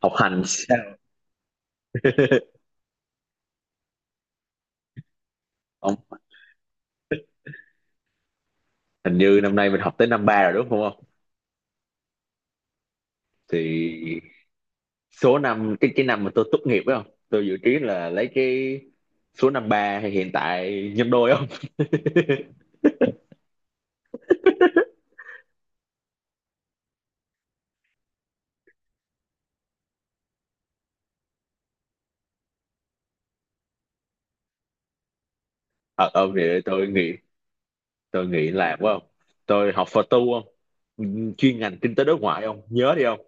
Học hành sao không? Hình như năm nay mình học tới năm ba rồi đúng không? Thì số năm cái năm mà tôi tốt nghiệp phải không, tôi dự kiến là lấy cái số năm ba hay hiện tại nhân đôi không? Thật không, thì tôi nghĩ, tôi nghĩ là phải không, tôi học phật tu không. Ừ, chuyên ngành kinh tế đối ngoại không nhớ đi không?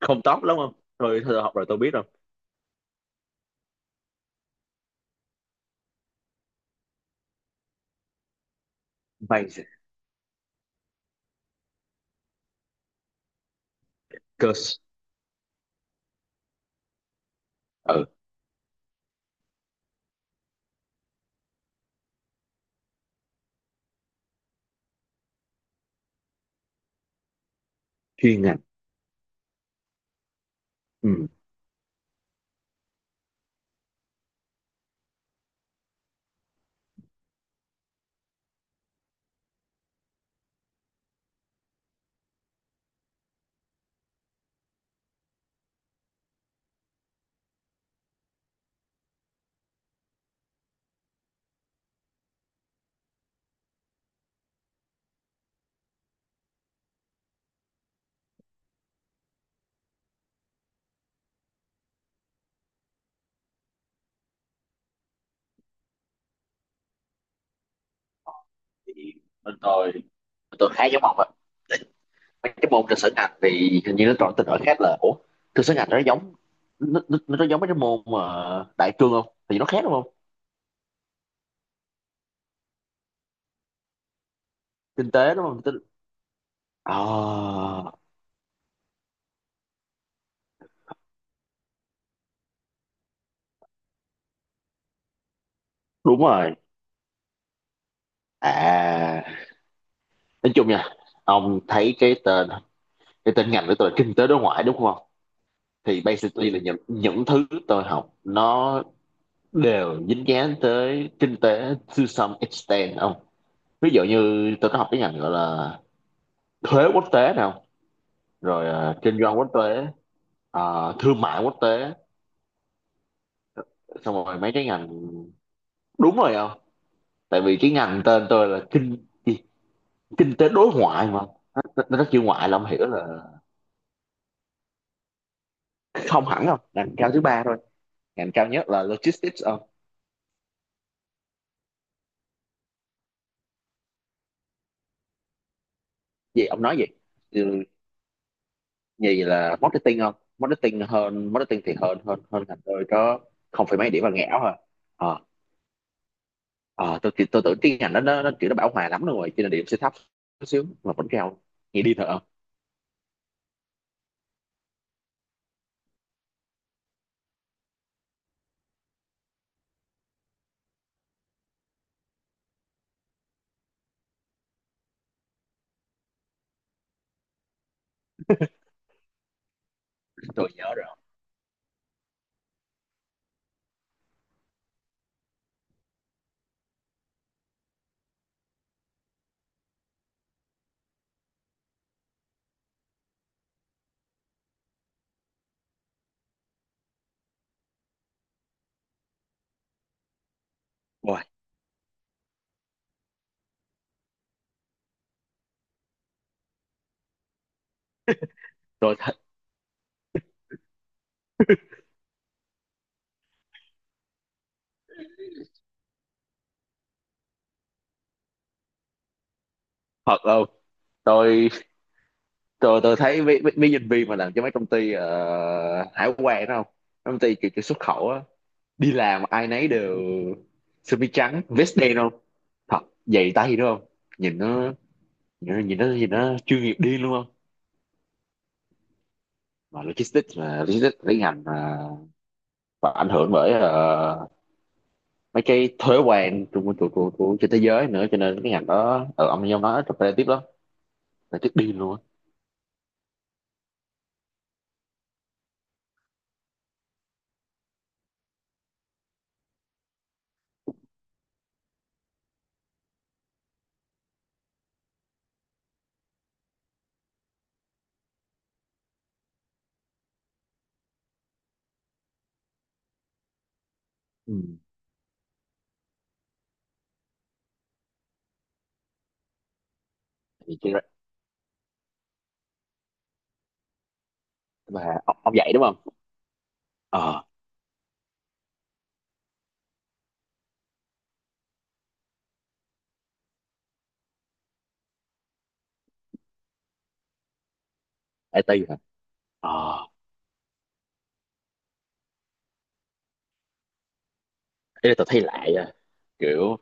Không tốt lắm không, tôi học rồi tôi biết không, may cơ, ừ, chuyên ngành, ừ. Thì bên tôi khá giống ông, mấy cái môn trên sân ngành thì hình như nó còn tên gọi khác là, ủa, trên sân Anh nó giống, nó giống mấy cái môn mà đại cương không, thì nó khác đúng không? Kinh tế đúng không? Kinh- ờ, đúng rồi, à, nói chung nha, ông thấy cái tên, cái tên ngành của tôi là kinh tế đối ngoại đúng không? Thì basically là những thứ tôi học nó đều dính dáng tới kinh tế to some extent ông. Ví dụ như tôi có học cái ngành gọi là thuế quốc tế nào, rồi ờ, kinh doanh quốc tế, ờ, thương mại quốc tế, xong rồi mấy cái ngành, đúng rồi không? Tại vì cái ngành tên tôi là kinh gì? Kinh tế đối ngoại mà, nó, nó chữ ngoại là ông hiểu là, không hẳn không, ngành cao thứ ba thôi, ngành cao nhất là logistics không? Gì? Ông nói gì? Ừ, gì là marketing không, marketing hơn, marketing thì hơn hơn hơn ngành tôi có. Không phải mấy điểm là ngẽo thôi. Ờ, ờ, tôi tưởng cái ngành đó nó kiểu nó bão hòa lắm luôn rồi cho nên điểm sẽ thấp chút xíu mà vẫn cao. Nghe đi, thật không? Tôi nhớ rồi. Ôi, tôi thật, thật luôn, tôi tôi thấy mấy nhân viên mà làm cho mấy công ty ờ, hải quan đó không. Mấy công ty kiểu, kiểu xuất khẩu á, đi làm ai nấy đều sơ mi trắng vest đen không, thật, giày tay đúng không, nhìn nó, nhìn nó, nhìn nó chuyên nghiệp điên luôn không. Mà logistics, mà logistics lấy ngành mà, và ảnh hưởng bởi ờ, mấy cái thuế quan của trên thế giới nữa cho nên cái ngành đó ở ông nói competitive lắm, là tức điên luôn á. Ừ. Thì cái- và ông dạy đúng không? Ờ, IT hả? Ờ. Ê, tao thấy lại à. Kiểu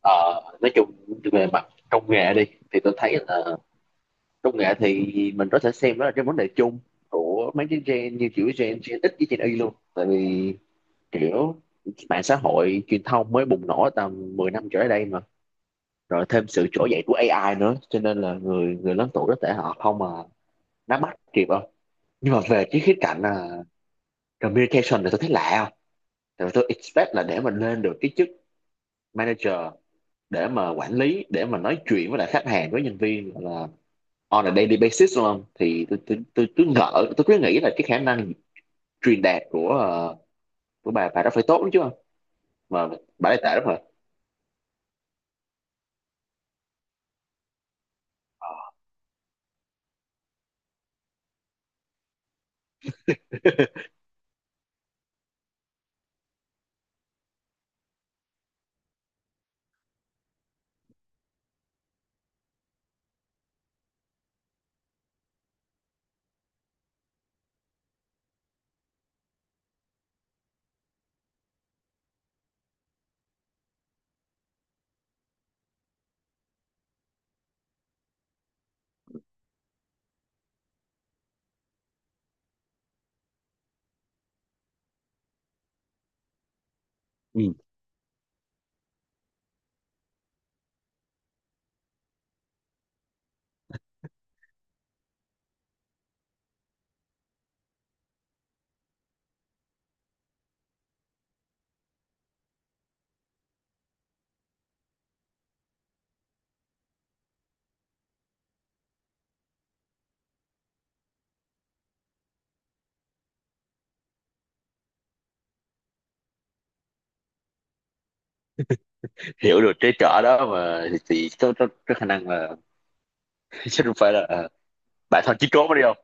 ờ, nói chung về mặt công nghệ đi, thì tôi thấy là công nghệ thì mình có thể xem đó là cái vấn đề chung của mấy cái gen, như kiểu gen Gen X với Gen Y luôn, tại vì kiểu mạng xã hội truyền thông mới bùng nổ tầm 10 năm trở lại đây mà, rồi thêm sự trỗi dậy của AI nữa, cho nên là người, người lớn tuổi có thể họ không mà nắm bắt kịp không. Nhưng mà về cái khía cạnh là communication thì tôi thấy lạ không, tại vì tôi expect là để mình lên được cái chức manager, để mà quản lý, để mà nói chuyện với lại khách hàng với nhân viên là on a daily basis đúng không, thì tôi ngỡ, tôi cứ nghĩ là cái khả năng truyền đạt của ờ, của bà đó phải tốt lắm chứ không, mà bà lại tệ lắm rồi. Ừ. Hiểu được cái trở đó mà thì có khả năng là chứ không phải là bà thôi chí trốn đi không.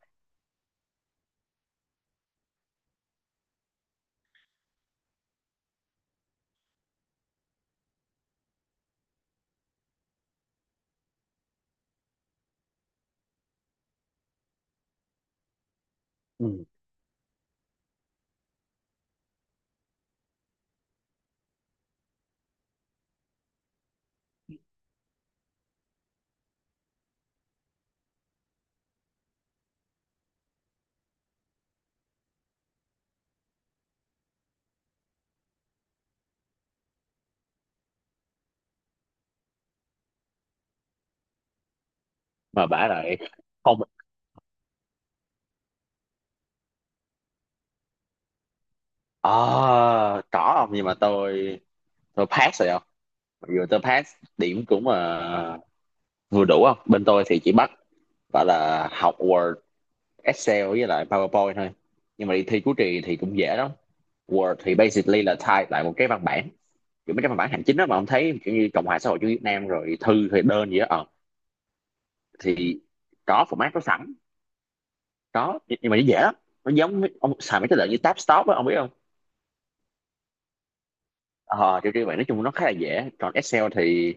Ừ. Mà bà lại không, à, có không, nhưng mà tôi pass rồi không, mặc dù tôi pass điểm cũng vừa đủ không. Bên tôi thì chỉ bắt gọi là học Word, Excel với lại PowerPoint thôi, nhưng mà đi thi cuối kỳ thì cũng dễ lắm. Word thì basically là type lại một cái văn bản, kiểu mấy cái văn bản hành chính đó mà ông thấy kiểu như Cộng hòa xã hội chủ nghĩa Việt Nam rồi thư rồi đơn gì đó ờ, thì có format có sẵn, có nhưng mà nó dễ lắm, nó giống với- ông xài mấy cái lợi như tab stop á ông biết không. Ờ, kiểu như vậy, nói chung nó khá là dễ. Còn Excel thì,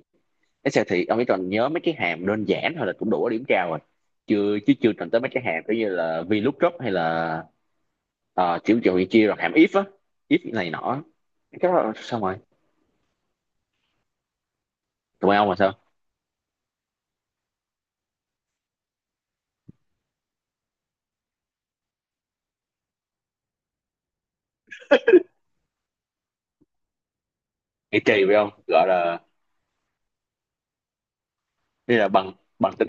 Excel thì ông chỉ cần nhớ mấy cái hàm đơn giản thôi là cũng đủ điểm cao rồi, chưa, chứ chưa cần tới mấy cái hàm kiểu như là VLOOKUP hay là ờ, kiểu kiểu chia rồi hàm if á, if này nọ, cái đó xong rồi. Tụi bay ông là sao? Nghĩ kỳ trì phải không gọi là, đây là bằng, bằng tin,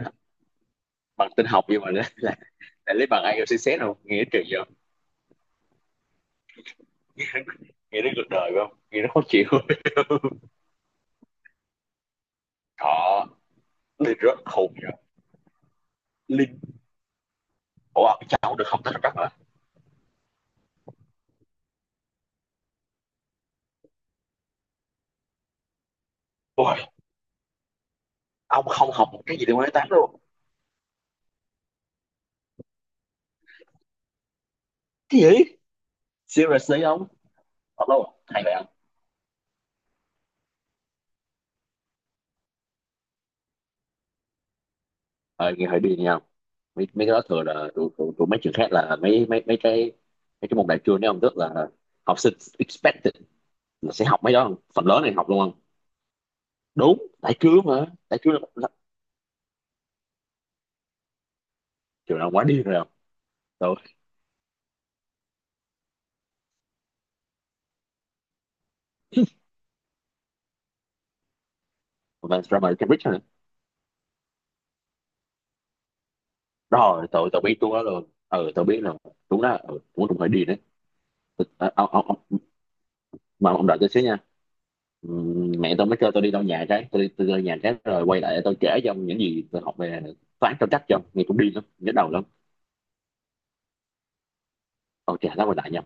bằng tin học nhưng mà là lấy bằng IELTS, đâu nghe kỳ vậy. Nghe nó cuộc đời phải không, nghe nó khó chịu. Họ, Linh rất khùng rồi. Linh, ủa ông cháu không được không tới rất là. Ôi, ông không học một cái gì từ quan tám luôn. Cái gì? Seriously ông. Hello, hay vậy ông. Ờ, nghe hỏi đi nha, mấy, mấy cái đó thường là tụi mấy trường khác là mấy mấy mấy cái, mấy cái môn đại cương đấy ông, tức là học sinh expected là sẽ học mấy đó không, phần lớn này học luôn không. Đúng, đại cương mà, đại cương là trường nào quá điên rồi không. Tụi mà drama Cambridge nữa, rồi tụi, tụi biết tôi đó luôn. Ừ, tụi biết là đúng đó, ừ, cũng cũng phải đi đấy. Ờ, ông, ông, mà ông đợi tôi xíu nha. Mẹ tôi mới kêu tôi đi đâu nhà cái, tôi đi, nhà cái rồi quay lại tôi kể cho ông những gì tôi học về toán, tao chắc cho ông nghe cũng đi lắm, nhớ đầu lắm. Ok, lát quay lại nha.